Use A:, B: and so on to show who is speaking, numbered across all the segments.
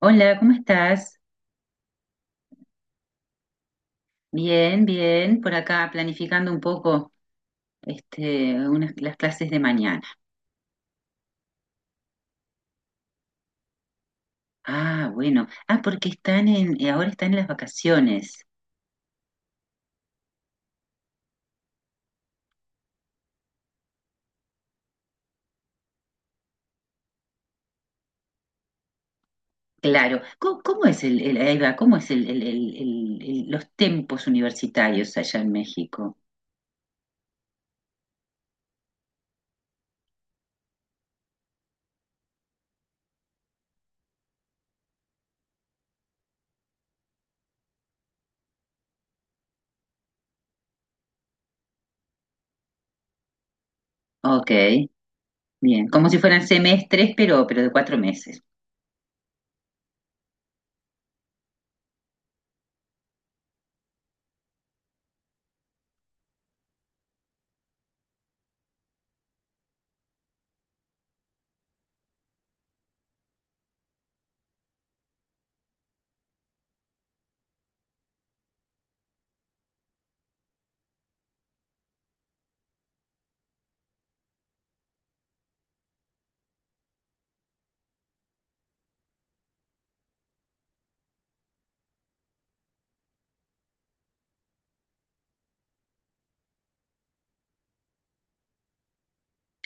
A: Hola, ¿cómo estás? Bien, bien, por acá planificando un poco las clases de mañana. Ah, bueno. Ah, porque están ahora están en las vacaciones. Claro. ¿Cómo es ahí va, cómo es los tiempos universitarios allá en México? Ok, bien. Como si fueran semestres, pero de 4 meses.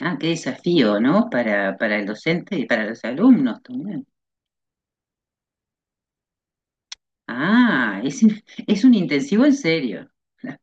A: Ah, qué desafío, ¿no? Para el docente y para los alumnos también. Ah, es un intensivo en serio.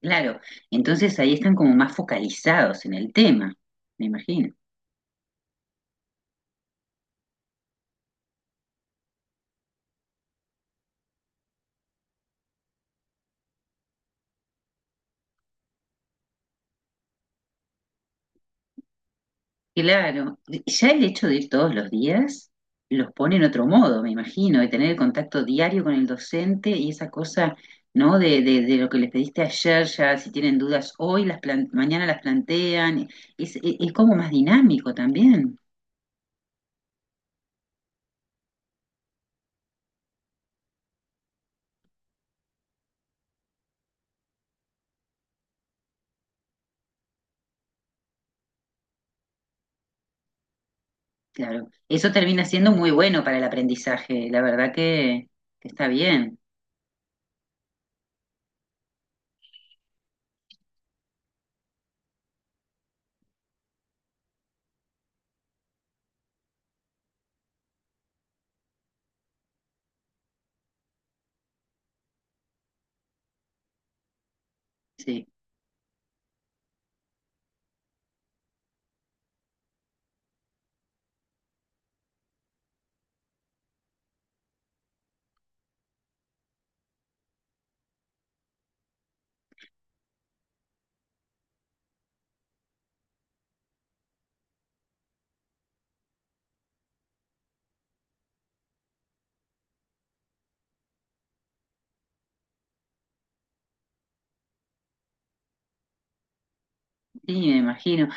A: Claro, entonces ahí están como más focalizados en el tema, me imagino. Claro, ya el hecho de ir todos los días los pone en otro modo, me imagino, de tener el contacto diario con el docente y esa cosa, ¿no? De lo que les pediste ayer, ya si tienen dudas hoy, mañana las plantean, es como más dinámico también, claro. Eso termina siendo muy bueno para el aprendizaje, la verdad que está bien, sí, sí, me imagino.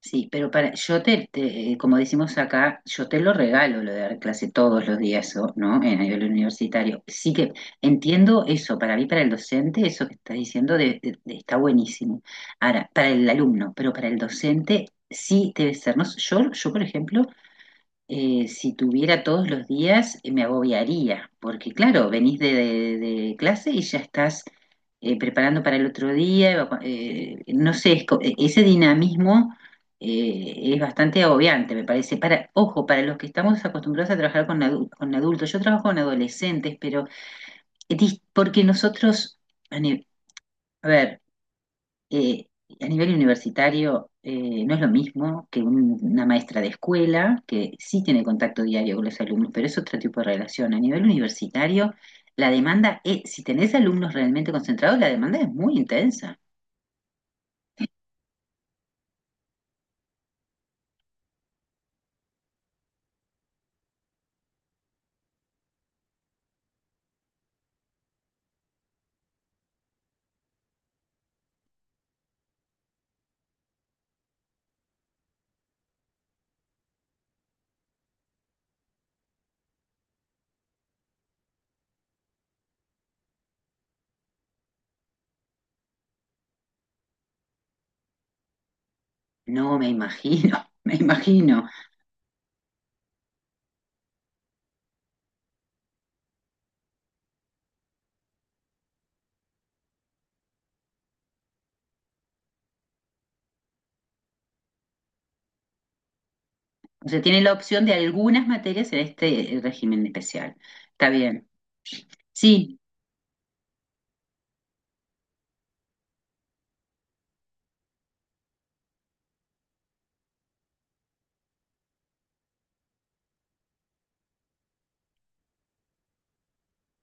A: Sí, pero yo te, como decimos acá, yo te lo regalo lo de dar clase todos los días, ¿no? En a nivel universitario. Sí que entiendo eso, para mí, para el docente, eso que estás diciendo está buenísimo. Ahora, para el alumno, pero para el docente sí debe ser. No, yo, por ejemplo, si tuviera todos los días, me agobiaría, porque claro, venís de clase y ya estás preparando para el otro día, no sé, ese dinamismo es bastante agobiante, me parece. Para, ojo, para los que estamos acostumbrados a trabajar con adultos, yo trabajo con adolescentes, pero porque nosotros, a ni- a ver, eh, a nivel universitario no es lo mismo que una maestra de escuela, que sí tiene contacto diario con los alumnos, pero es otro tipo de relación. A nivel universitario, la demanda es, si tenés alumnos realmente concentrados, la demanda es muy intensa. No me imagino, me imagino. O sea, tiene la opción de algunas materias en este régimen especial. Está bien. Sí.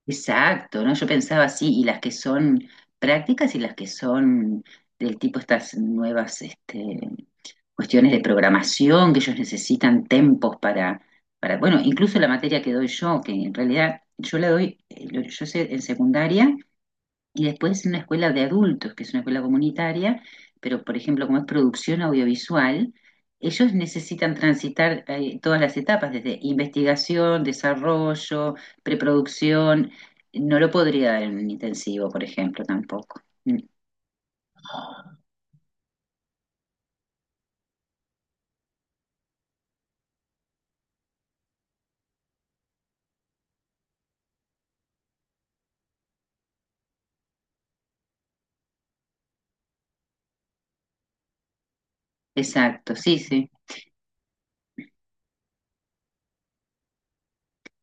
A: Exacto, ¿no? Yo pensaba así, y las que son prácticas y las que son del tipo estas nuevas cuestiones de programación, que ellos necesitan tiempos para, bueno, incluso la materia que doy yo, que en realidad yo la doy, yo sé en secundaria, y después una escuela de adultos, que es una escuela comunitaria, pero por ejemplo, como es producción audiovisual, ellos necesitan transitar todas las etapas, desde investigación, desarrollo, preproducción. No lo podría dar en un intensivo, por ejemplo, tampoco. Mm. Exacto, sí, sí.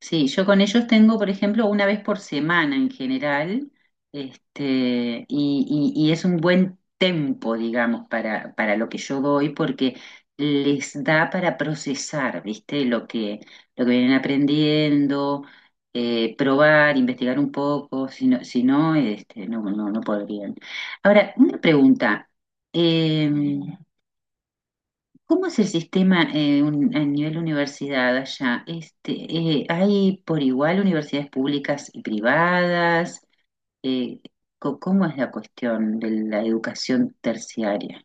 A: Sí, yo con ellos tengo, por ejemplo, una vez por semana en general, y es un buen tempo, digamos, para lo que yo doy, porque les da para procesar, ¿viste? Lo que vienen aprendiendo, probar, investigar un poco, si no, no, no, no podrían. Ahora, una pregunta. em, ¿Cómo es el sistema a nivel universidad allá? ¿Hay por igual universidades públicas y privadas? Eh, ¿cómo es la cuestión de la educación terciaria?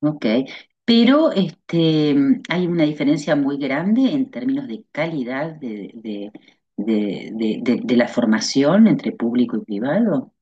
A: Ok, pero hay una diferencia muy grande en términos de calidad de la formación entre público y privado.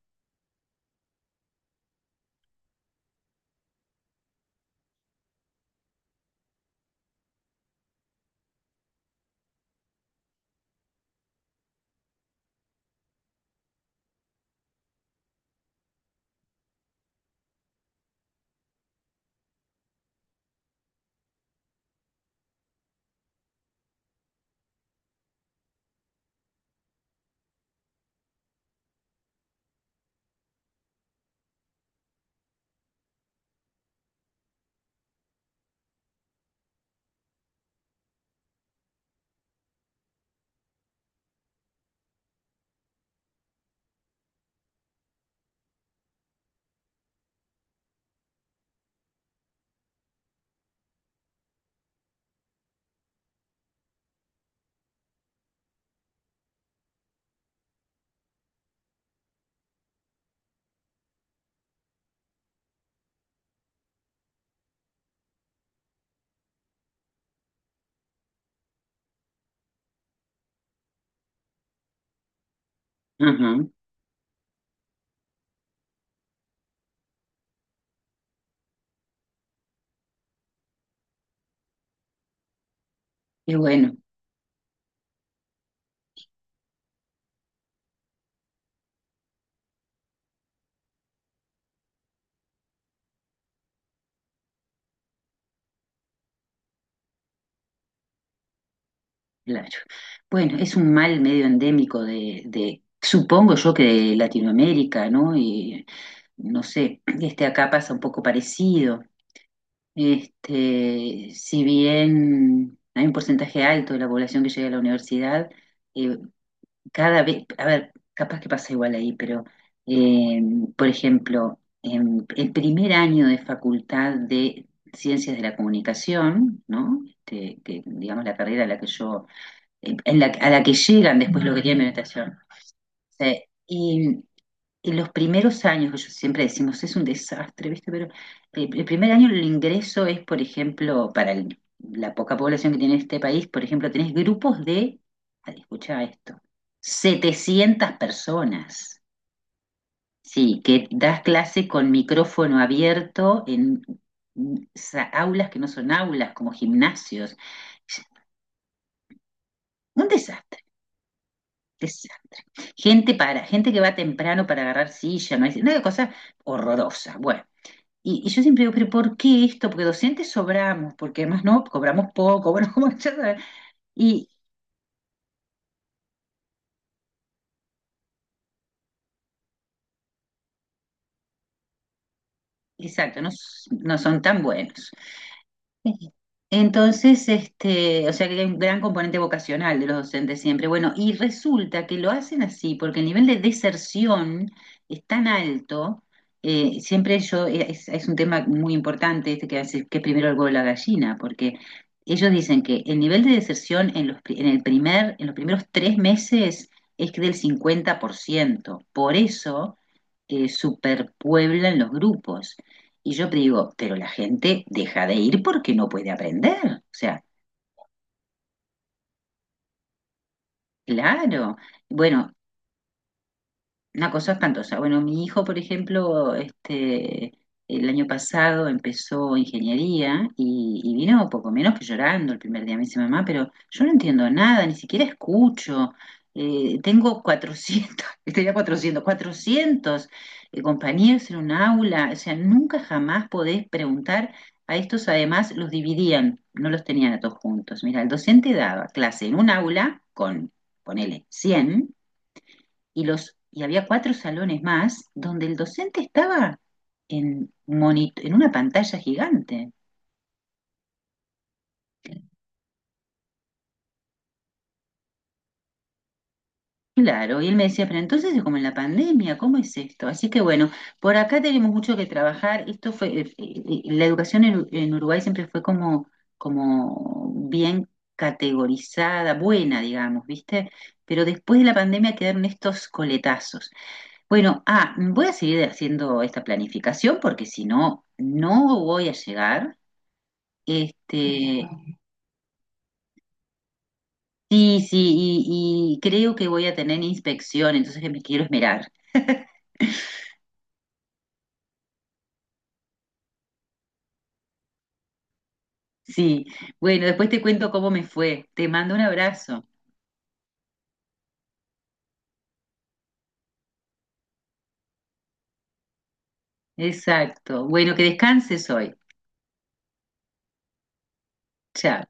A: Ajá, qué bueno. Claro. Bueno, es un mal medio endémico supongo yo que de Latinoamérica, ¿no? Y no sé, acá pasa un poco parecido. Si bien hay un porcentaje alto de la población que llega a la universidad, eh, cada vez, a ver, capaz que pasa igual ahí, pero eh, por ejemplo, en el primer año de facultad de Ciencias de la Comunicación, ¿no? Que digamos la carrera a la que yo a la que llegan después lo que tienen meditación. Sí. Y los primeros años, que yo siempre decimos, es un desastre, ¿viste? Pero el primer año el ingreso es, por ejemplo, para la poca población que tiene este país, por ejemplo, tenés grupos de, escucha esto, 700 personas, sí, que das clase con micrófono abierto en aulas que no son aulas, como gimnasios. Un desastre. Desastre. Gente que va temprano para agarrar silla, no hay, una cosa horrorosa. Bueno, y yo siempre digo, pero ¿por qué esto? Porque docentes sobramos, porque además no, cobramos poco, bueno, como ya sabes. Y exacto, no, no son tan buenos. Sí. Entonces, este, o sea que hay un gran componente vocacional de los docentes siempre. Bueno, y resulta que lo hacen así, porque el nivel de deserción es tan alto, siempre es un tema muy importante este que hace, que es primero el huevo y la gallina, porque ellos dicen que el nivel de deserción en los primeros 3 meses es que del 50%. Por ciento. Por eso superpueblan los grupos. Y yo digo, pero la gente deja de ir porque no puede aprender. O sea, claro. Bueno, una cosa espantosa. Bueno, mi hijo, por ejemplo, este, el año pasado empezó ingeniería y vino poco menos que llorando el primer día. Me dice, mamá, pero yo no entiendo nada, ni siquiera escucho. Tengo 400, tenía cuatrocientos compañeros en un aula. O sea, nunca jamás podés preguntar. A estos además los dividían, no los tenían a todos juntos. Mira, el docente daba clase en un aula con, ponele, 100 y había cuatro salones más donde el docente estaba monito en una pantalla gigante. Claro, y él me decía, pero entonces es como en la pandemia, ¿cómo es esto? Así que bueno, por acá tenemos mucho que trabajar. Esto fue, la educación en Uruguay siempre fue como bien categorizada, buena, digamos, ¿viste? Pero después de la pandemia quedaron estos coletazos. Bueno, voy a seguir haciendo esta planificación porque si no, no voy a llegar. Este, sí, sí, y creo que voy a tener inspección, entonces que me quiero esmerar. Sí, bueno, después te cuento cómo me fue. Te mando un abrazo. Exacto. Bueno, que descanses hoy. Chao.